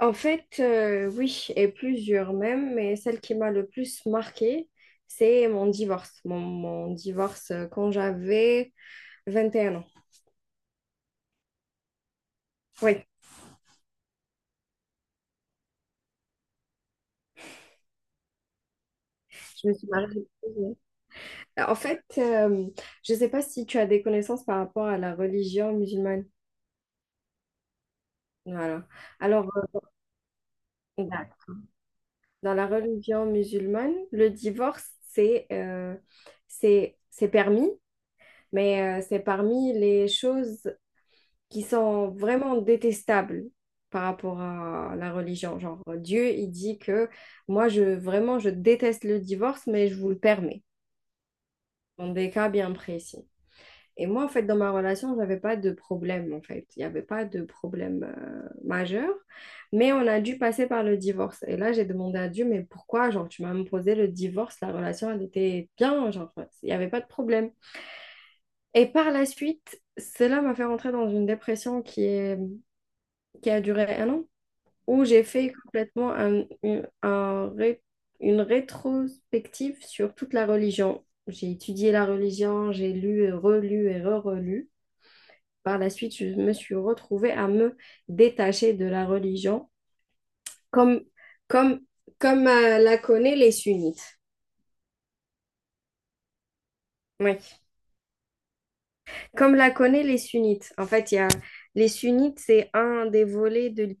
En fait, oui, et plusieurs même, mais celle qui m'a le plus marquée, c'est mon divorce. Mon divorce quand j'avais 21 ans. Oui, je me suis mariée. En fait, je ne sais pas si tu as des connaissances par rapport à la religion musulmane. Voilà. Alors, bah, dans la religion musulmane, le divorce, c'est c'est permis, mais c'est parmi les choses qui sont vraiment détestables par rapport à la religion. Genre, Dieu, il dit que moi, je vraiment, je déteste le divorce, mais je vous le permets, dans des cas bien précis. Et moi, en fait, dans ma relation, j'avais pas de problème, en fait. Il n'y avait pas de problème majeur, mais on a dû passer par le divorce. Et là, j'ai demandé à Dieu, mais pourquoi, genre, tu m'as imposé le divorce, la relation, elle était bien, genre, il n'y avait pas de problème. Et par la suite, cela m'a fait rentrer dans une dépression qui a duré un an, où j'ai fait complètement une rétrospective sur toute la religion. J'ai étudié la religion, j'ai lu et relu et re-relu. Par la suite, je me suis retrouvée à me détacher de la religion, comme, comme, comme la connaît les sunnites. Oui, comme la connaît les sunnites. En fait, il y a, les sunnites, c'est un des volets de l'islam.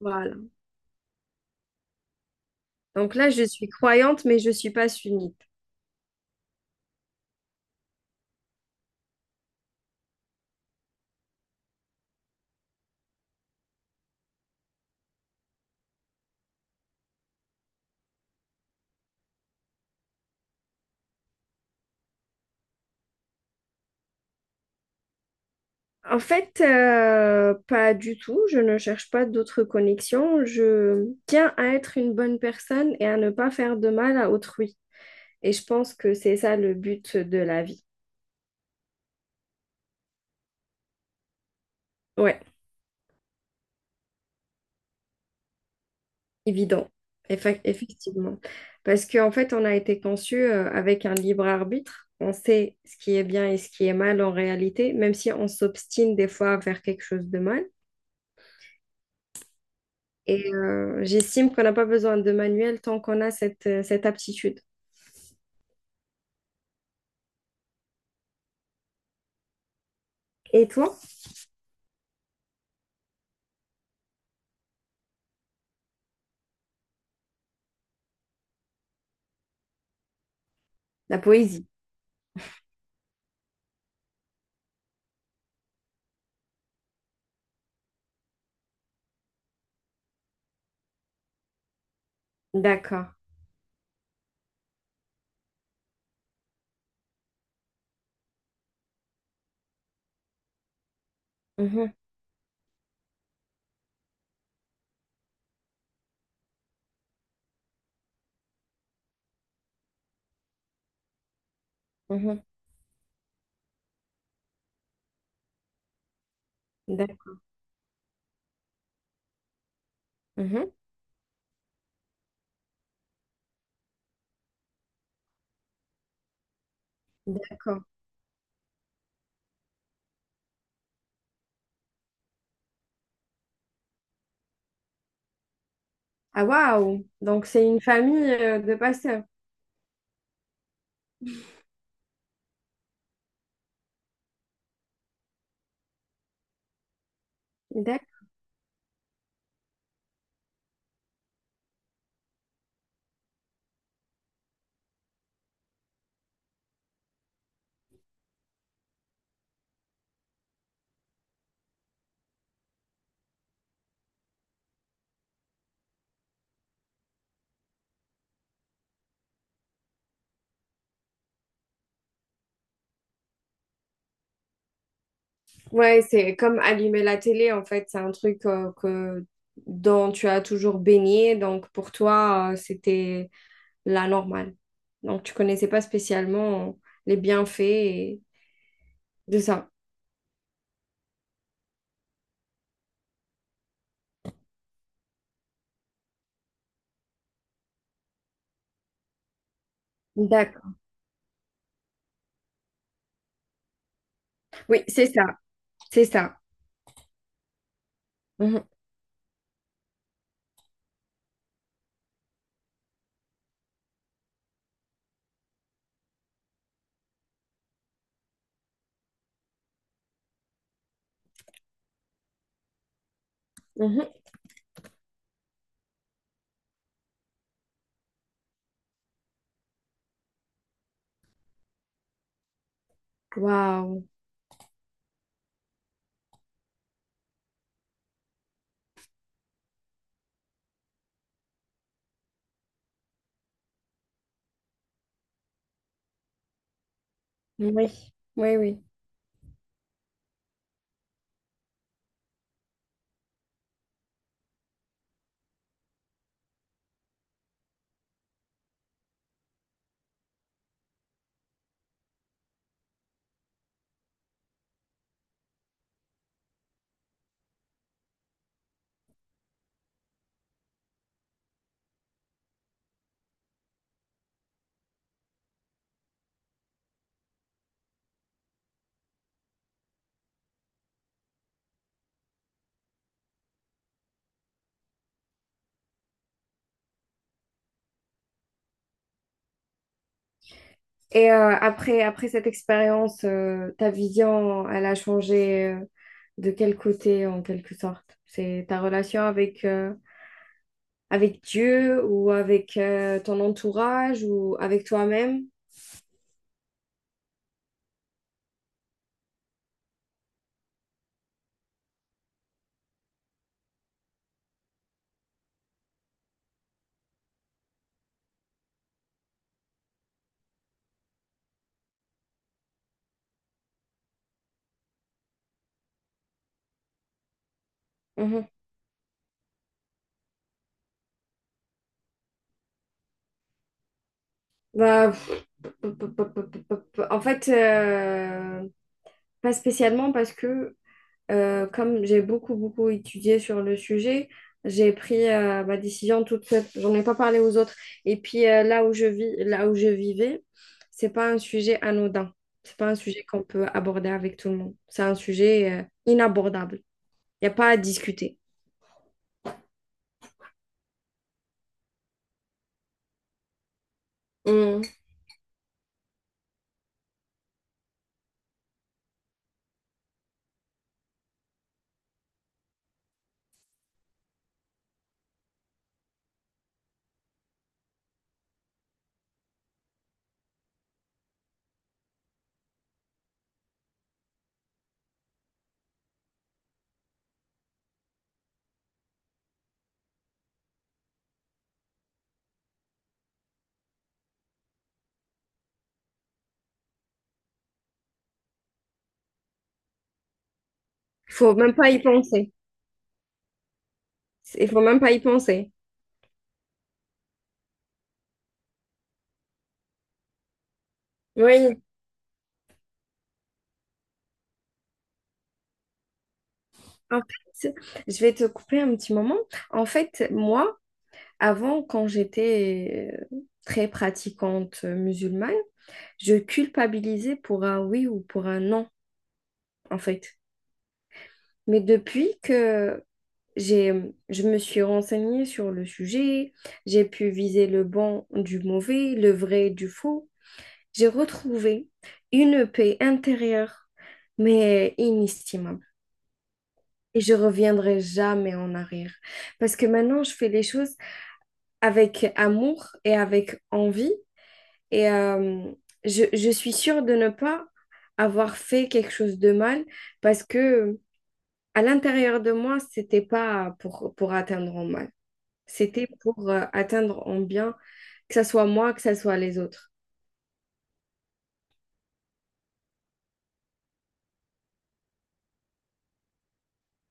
Voilà. Donc là, je suis croyante, mais je ne suis pas sunnite. En fait, pas du tout. Je ne cherche pas d'autres connexions. Je tiens à être une bonne personne et à ne pas faire de mal à autrui. Et je pense que c'est ça le but de la vie. Ouais, évident. Effectivement. Parce qu'en fait, on a été conçu avec un libre arbitre. On sait ce qui est bien et ce qui est mal en réalité, même si on s'obstine des fois à faire quelque chose de mal. Et j'estime qu'on n'a pas besoin de manuel tant qu'on a cette aptitude. Et toi, la poésie? D'accord. Mhm, mhm, d'accord. Mhm, d'accord. Ah, waouh! Donc, c'est une famille de pasteurs. D'accord. Ouais, c'est comme allumer la télé, en fait. C'est un truc dont tu as toujours baigné. Donc, pour toi, c'était la normale. Donc, tu connaissais pas spécialement les bienfaits de ça. D'accord. Oui, c'est ça. C'est ça. Mhm, mhm. Waouh. Oui, oui, oui. Et après cette expérience, ta vision, elle a changé de quel côté en quelque sorte? C'est ta relation avec Dieu ou avec ton entourage ou avec toi-même? Mhm. Bah, en fait, pas spécialement parce que comme j'ai beaucoup, beaucoup étudié sur le sujet, j'ai pris ma décision toute seule. J'en ai pas parlé aux autres. Et puis là où je vis, là où je vivais, c'est pas un sujet anodin. C'est pas un sujet qu'on peut aborder avec tout le monde. C'est un sujet inabordable. Il n'y a pas à discuter. Mm. Il faut même pas y penser. Il faut même pas y penser. Oui. En fait, je vais te couper un petit moment. En fait, moi, avant, quand j'étais très pratiquante musulmane, je culpabilisais pour un oui ou pour un non, en fait. Mais depuis que j'ai, je me suis renseignée sur le sujet, j'ai pu viser le bon du mauvais, le vrai du faux, j'ai retrouvé une paix intérieure, mais inestimable. Et je reviendrai jamais en arrière. Parce que maintenant, je fais les choses avec amour et avec envie. Et euh, je suis sûre de ne pas avoir fait quelque chose de mal parce que à l'intérieur de moi, c'était pas pour atteindre en mal. C'était pour atteindre en bien, que ce soit moi, que ce soit les autres.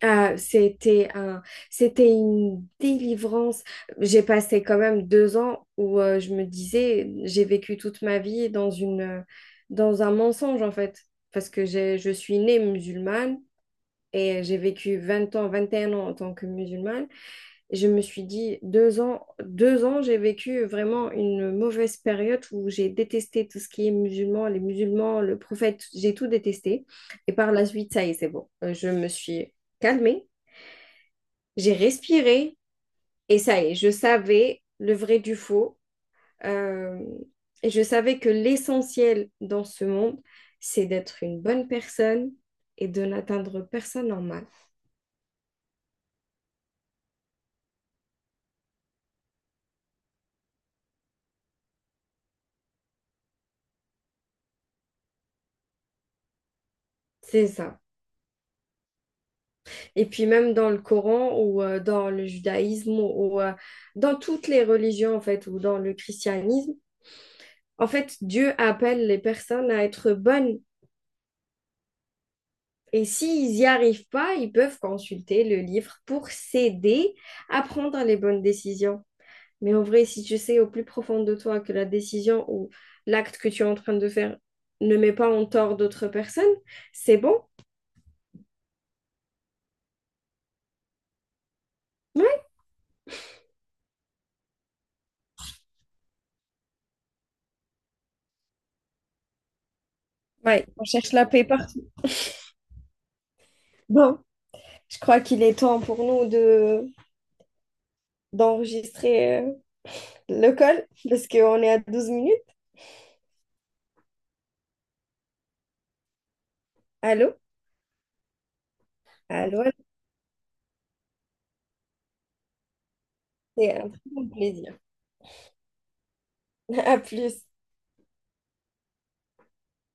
Ah, c'était un, c'était une délivrance. J'ai passé quand même 2 ans où je me disais, j'ai vécu toute ma vie dans une, dans un mensonge en fait, parce que je suis née musulmane. Et j'ai vécu 20 ans, 21 ans en tant que musulmane. Je me suis dit, 2 ans, 2 ans, j'ai vécu vraiment une mauvaise période où j'ai détesté tout ce qui est musulman, les musulmans, le prophète, j'ai tout détesté. Et par la suite, ça y est, c'est bon. Je me suis calmée, j'ai respiré et ça y est, je savais le vrai du faux. Euh, et je savais que l'essentiel dans ce monde, c'est d'être une bonne personne et de n'atteindre personne en mal. C'est ça. Et puis même dans le Coran ou dans le judaïsme ou dans toutes les religions en fait ou dans le christianisme, en fait Dieu appelle les personnes à être bonnes. Et s'ils n'y arrivent pas, ils peuvent consulter le livre pour s'aider à prendre les bonnes décisions. Mais en vrai, si tu sais au plus profond de toi que la décision ou l'acte que tu es en train de faire ne met pas en tort d'autres personnes, c'est bon. Ouais, ouais, on cherche la paix partout. Bon, je crois qu'il est temps pour nous de d'enregistrer le call parce qu'on est à 12 minutes. Allô? Allô, allô, c'est un très bon plaisir. À plus.